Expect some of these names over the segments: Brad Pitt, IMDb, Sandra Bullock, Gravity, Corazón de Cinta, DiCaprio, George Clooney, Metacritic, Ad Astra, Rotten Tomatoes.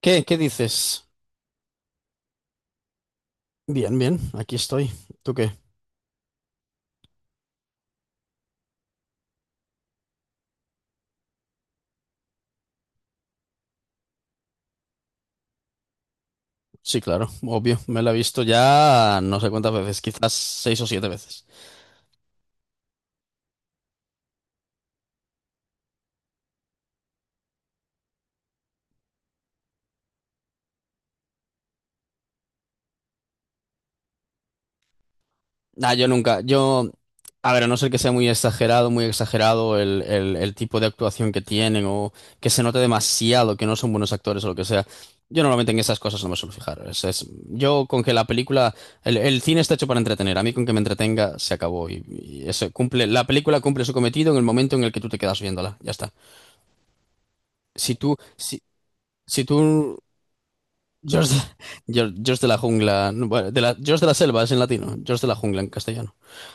¿Qué? ¿Qué dices? Bien, bien, aquí estoy. ¿Tú qué? Sí, claro, obvio. Me la he visto ya no sé cuántas veces, quizás 6 o 7 veces. Nah, yo nunca, yo, a ver, a no ser que sea muy exagerado el tipo de actuación que tienen o que se note demasiado que no son buenos actores o lo que sea. Yo normalmente en esas cosas no me suelo fijar. Yo con que la película, el cine está hecho para entretener. A mí con que me entretenga se acabó y eso cumple, la película cumple su cometido en el momento en el que tú te quedas viéndola. Ya está. Si tú, si, Si tú, George George, George de la jungla, no, bueno, George de la selva es en latino, George de la jungla en castellano.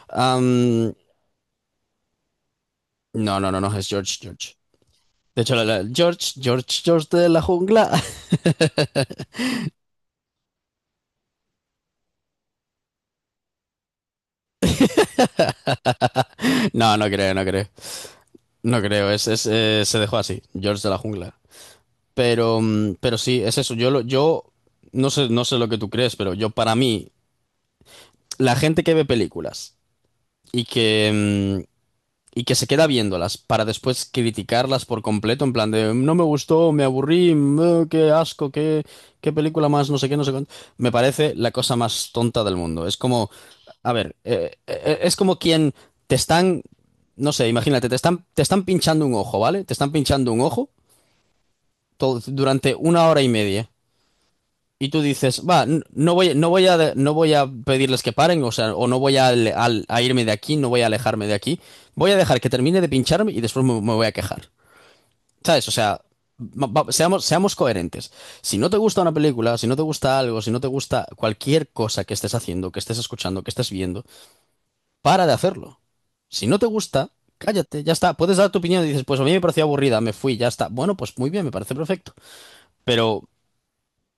Am, no, no, no, no, es George. De hecho, George de la jungla. No, no creo, no creo. No creo, se dejó así, George de la jungla. Pero, pero sí, es eso. Yo no sé, no sé lo que tú crees, pero yo para mí, la gente que ve películas y que, mm, y que se queda viéndolas para después criticarlas por completo, en plan de no me gustó, me aburrí, qué asco, qué, qué película más, no sé qué, no sé cuánto. Me parece la cosa más tonta del mundo. Es como, a ver, es como quien te están, no sé, imagínate, te están pinchando un ojo, ¿vale? Te están pinchando un ojo durante 1 hora y media. Y tú dices, va, no voy, no voy a pedirles que paren, o sea, o no voy a, ale- al- a irme de aquí, no voy a alejarme de aquí. Voy a dejar que termine de pincharme y después me voy a quejar. ¿Sabes? O sea, seamos, seamos coherentes. Si no te gusta una película, si no te gusta algo, si no te gusta cualquier cosa que estés haciendo, que estés escuchando, que estés viendo, para de hacerlo. Si no te gusta, cállate, ya está. Puedes dar tu opinión y dices, pues a mí me pareció aburrida, me fui, ya está. Bueno, pues muy bien, me parece perfecto. Pero,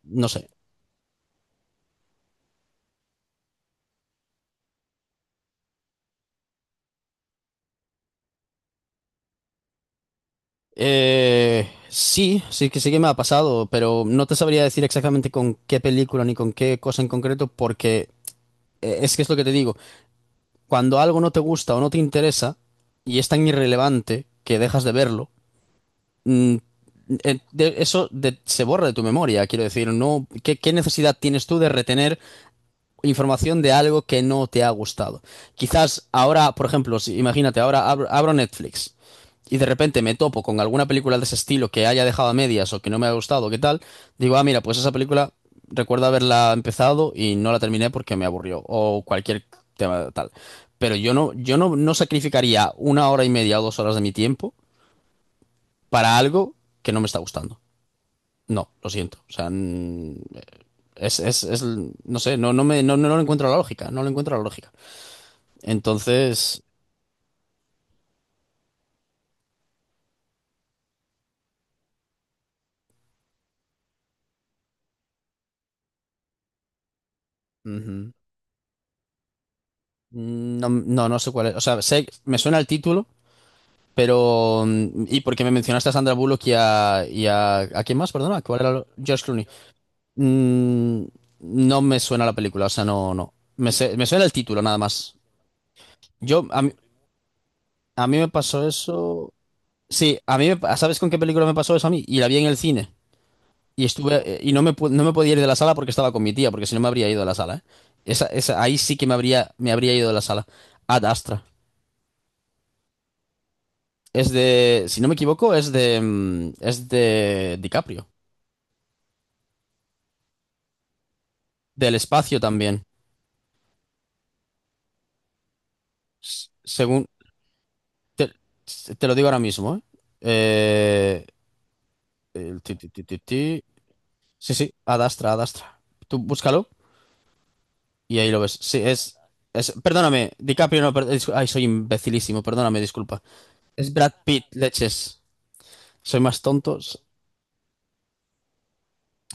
no sé. Sí, sí que me ha pasado, pero no te sabría decir exactamente con qué película ni con qué cosa en concreto, porque es que es lo que te digo, cuando algo no te gusta o no te interesa y es tan irrelevante que dejas de verlo, mm, se borra de tu memoria, quiero decir, no, ¿qué, qué necesidad tienes tú de retener información de algo que no te ha gustado? Quizás ahora, por ejemplo, si, imagínate, ahora abro Netflix y de repente me topo con alguna película de ese estilo que haya dejado a medias o que no me ha gustado, ¿qué tal? Digo, ah, mira, pues esa película recuerdo haberla empezado y no la terminé porque me aburrió o cualquier tema tal. Pero yo no, no sacrificaría 1 hora y media o 2 horas de mi tiempo para algo que no me está gustando. No, lo siento. O sea, no sé, no, no me, no, no lo encuentro la lógica, no lo encuentro la lógica. Entonces, ujú, no, no, no sé cuál es. O sea, sé, me suena el título, pero, y porque me mencionaste a Sandra Bullock y ¿a quién más? Perdona, ¿cuál era? George Clooney. Mm, no me suena la película, o sea, no, no. Me suena el título, nada más. Yo, a mí, a mí me pasó eso. Sí, a mí, ¿sabes con qué película me pasó eso a mí? Y la vi en el cine. Y estuve, no me podía ir de la sala porque estaba con mi tía, porque si no me habría ido de la sala, ¿eh? Ahí sí que me habría ido de la sala. Ad Astra. Es de, si no me equivoco, es de, es de DiCaprio. Del espacio también. Según, te, te lo digo ahora mismo, ¿eh? Eh, el ti, ti, ti, ti, ti. Sí, sí, Ad Astra, Ad Astra. Tú búscalo y ahí lo ves. Perdóname, DiCaprio no, ay, soy imbecilísimo, perdóname, disculpa. Es Brad Pitt, leches. Soy más tonto.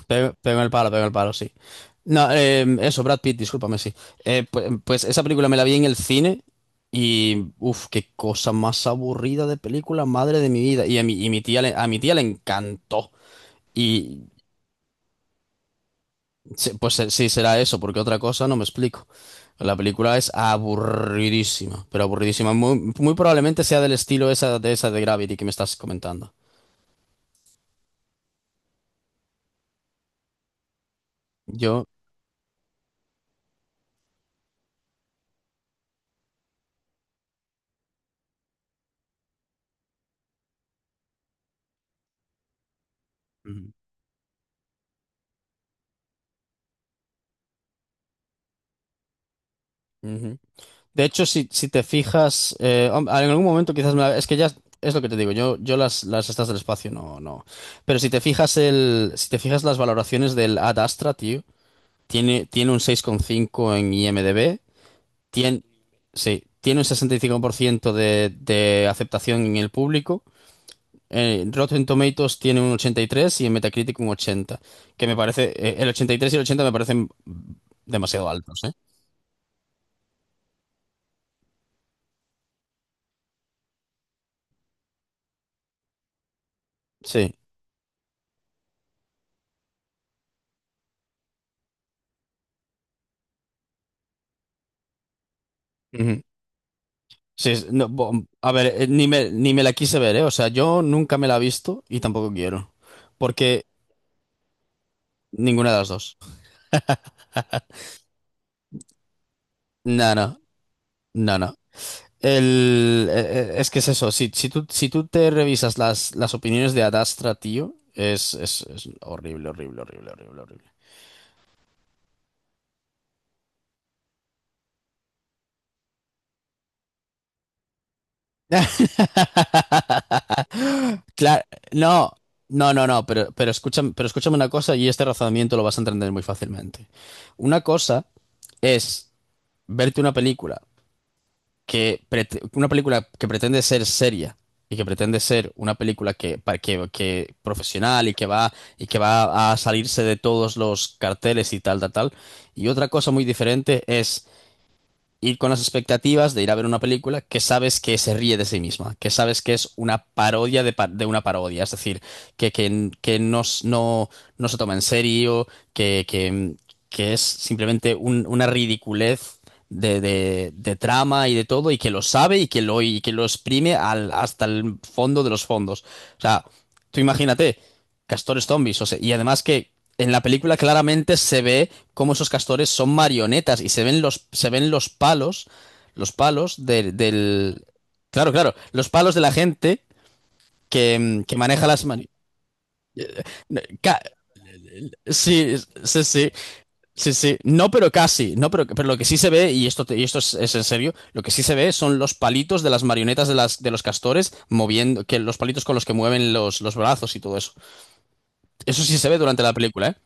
Pego en el palo, pego en el palo, sí. No, eso, Brad Pitt, discúlpame, sí. Pues esa película me la vi en el cine y, uff, qué cosa más aburrida de película, madre de mi vida. Y mi a mi tía le encantó. Y sí, será eso, porque otra cosa no me explico. La película es aburridísima, pero aburridísima. Muy, muy probablemente sea del estilo esa de Gravity que me estás comentando. Yo... Ujú. Ujú. De hecho, si, si te fijas, en algún momento quizás es que ya es lo que te digo, yo, las estas del espacio no, no. Pero si te fijas si te fijas las valoraciones del Ad Astra, tío, tiene, tiene un 6,5 en IMDb, tiene, sí, tiene un 65% de aceptación en el público. Rotten Tomatoes tiene un 83 y en Metacritic un 80 que me parece, el 83 y el 80 me parecen demasiado altos, ¿eh? Sí. Sí, es- no, bo- a ver, ni me la quise ver, ¿eh? O sea, yo nunca me la he visto y tampoco quiero. Porque ninguna de las dos. No, no, no, no. Es que es eso, si tú, si tú te revisas las opiniones de Adastra, tío, es horrible, horrible, horrible, horrible, horrible. Claro, no, no, no, no, pero escúchame una cosa y este razonamiento lo vas a entender muy fácilmente. Una cosa es verte una película una película que pretende ser seria y que pretende ser una película que profesional y que va a salirse de todos los carteles y tal, tal, tal. Y otra cosa muy diferente es ir con las expectativas de ir a ver una película que sabes que se ríe de sí misma, que sabes que es una parodia de, de una parodia, es decir, que no, no, no se toma en serio, que, que, que es simplemente una ridiculez de trama y de todo, y que lo sabe y que lo exprime hasta el fondo de los fondos. O sea, tú imagínate. Castores zombies, o sea, y además que en la película claramente se ve cómo esos castores son marionetas y se ven los palos del... Claro, claro, los palos de la gente que, que maneja las marionetas. Sí, sí, sí, sí. No, pero casi, no, pero lo que sí se ve, y esto es en serio, lo que sí se ve son los palitos de las marionetas de las, de los castores moviendo, que los palitos con los que mueven los brazos y todo eso. Eso sí se ve durante la película, ¿eh?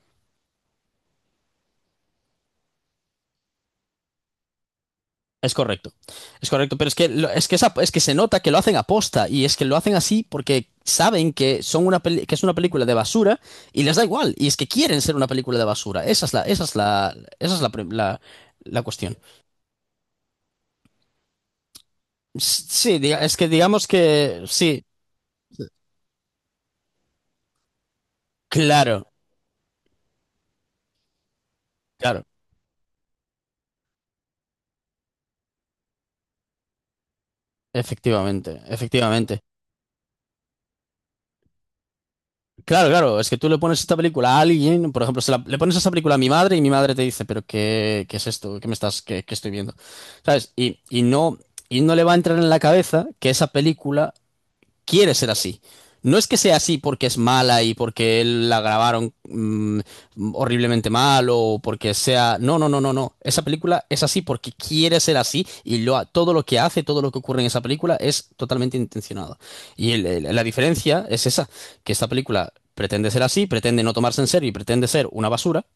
Es correcto, es correcto, pero es que, es que se nota que lo hacen aposta y es que lo hacen así porque saben que, que es una película de basura y les da igual y es que quieren ser una película de basura. Esa es la, esa es la, esa es la, prim- la la cuestión. Sí, es que digamos que sí, claro, claro, efectivamente, efectivamente. Claro, claro, es que tú le pones esta película a alguien, por ejemplo, le pones esta película a mi madre y mi madre te dice, pero ¿qué, qué es esto? ¿Qué me estás, qué, qué estoy viendo? ¿Sabes? Y no le va a entrar en la cabeza que esa película quiere ser así. No es que sea así porque es mala y porque él la grabaron horriblemente mal o porque sea... No, no, no, no, no. Esa película es así porque quiere ser así y todo lo que hace, todo lo que ocurre en esa película es totalmente intencionado. Y la diferencia es esa, que esta película pretende ser así, pretende no tomarse en serio y pretende ser una basura.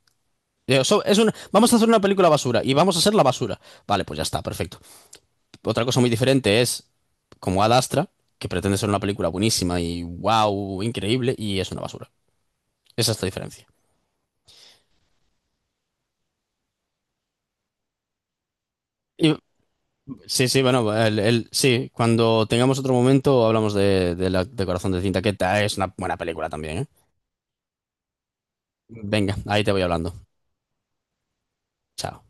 Es una- vamos a hacer una película basura y vamos a ser la basura. Vale, pues ya está, perfecto. Otra cosa muy diferente es como Ad Astra, que pretende ser una película buenísima y wow, increíble, y es una basura. Esa es la diferencia. Y, sí, sí, bueno, sí, cuando tengamos otro momento hablamos de la, de Corazón de Cinta, es una buena película también, ¿eh? Venga, ahí te voy hablando. Chao.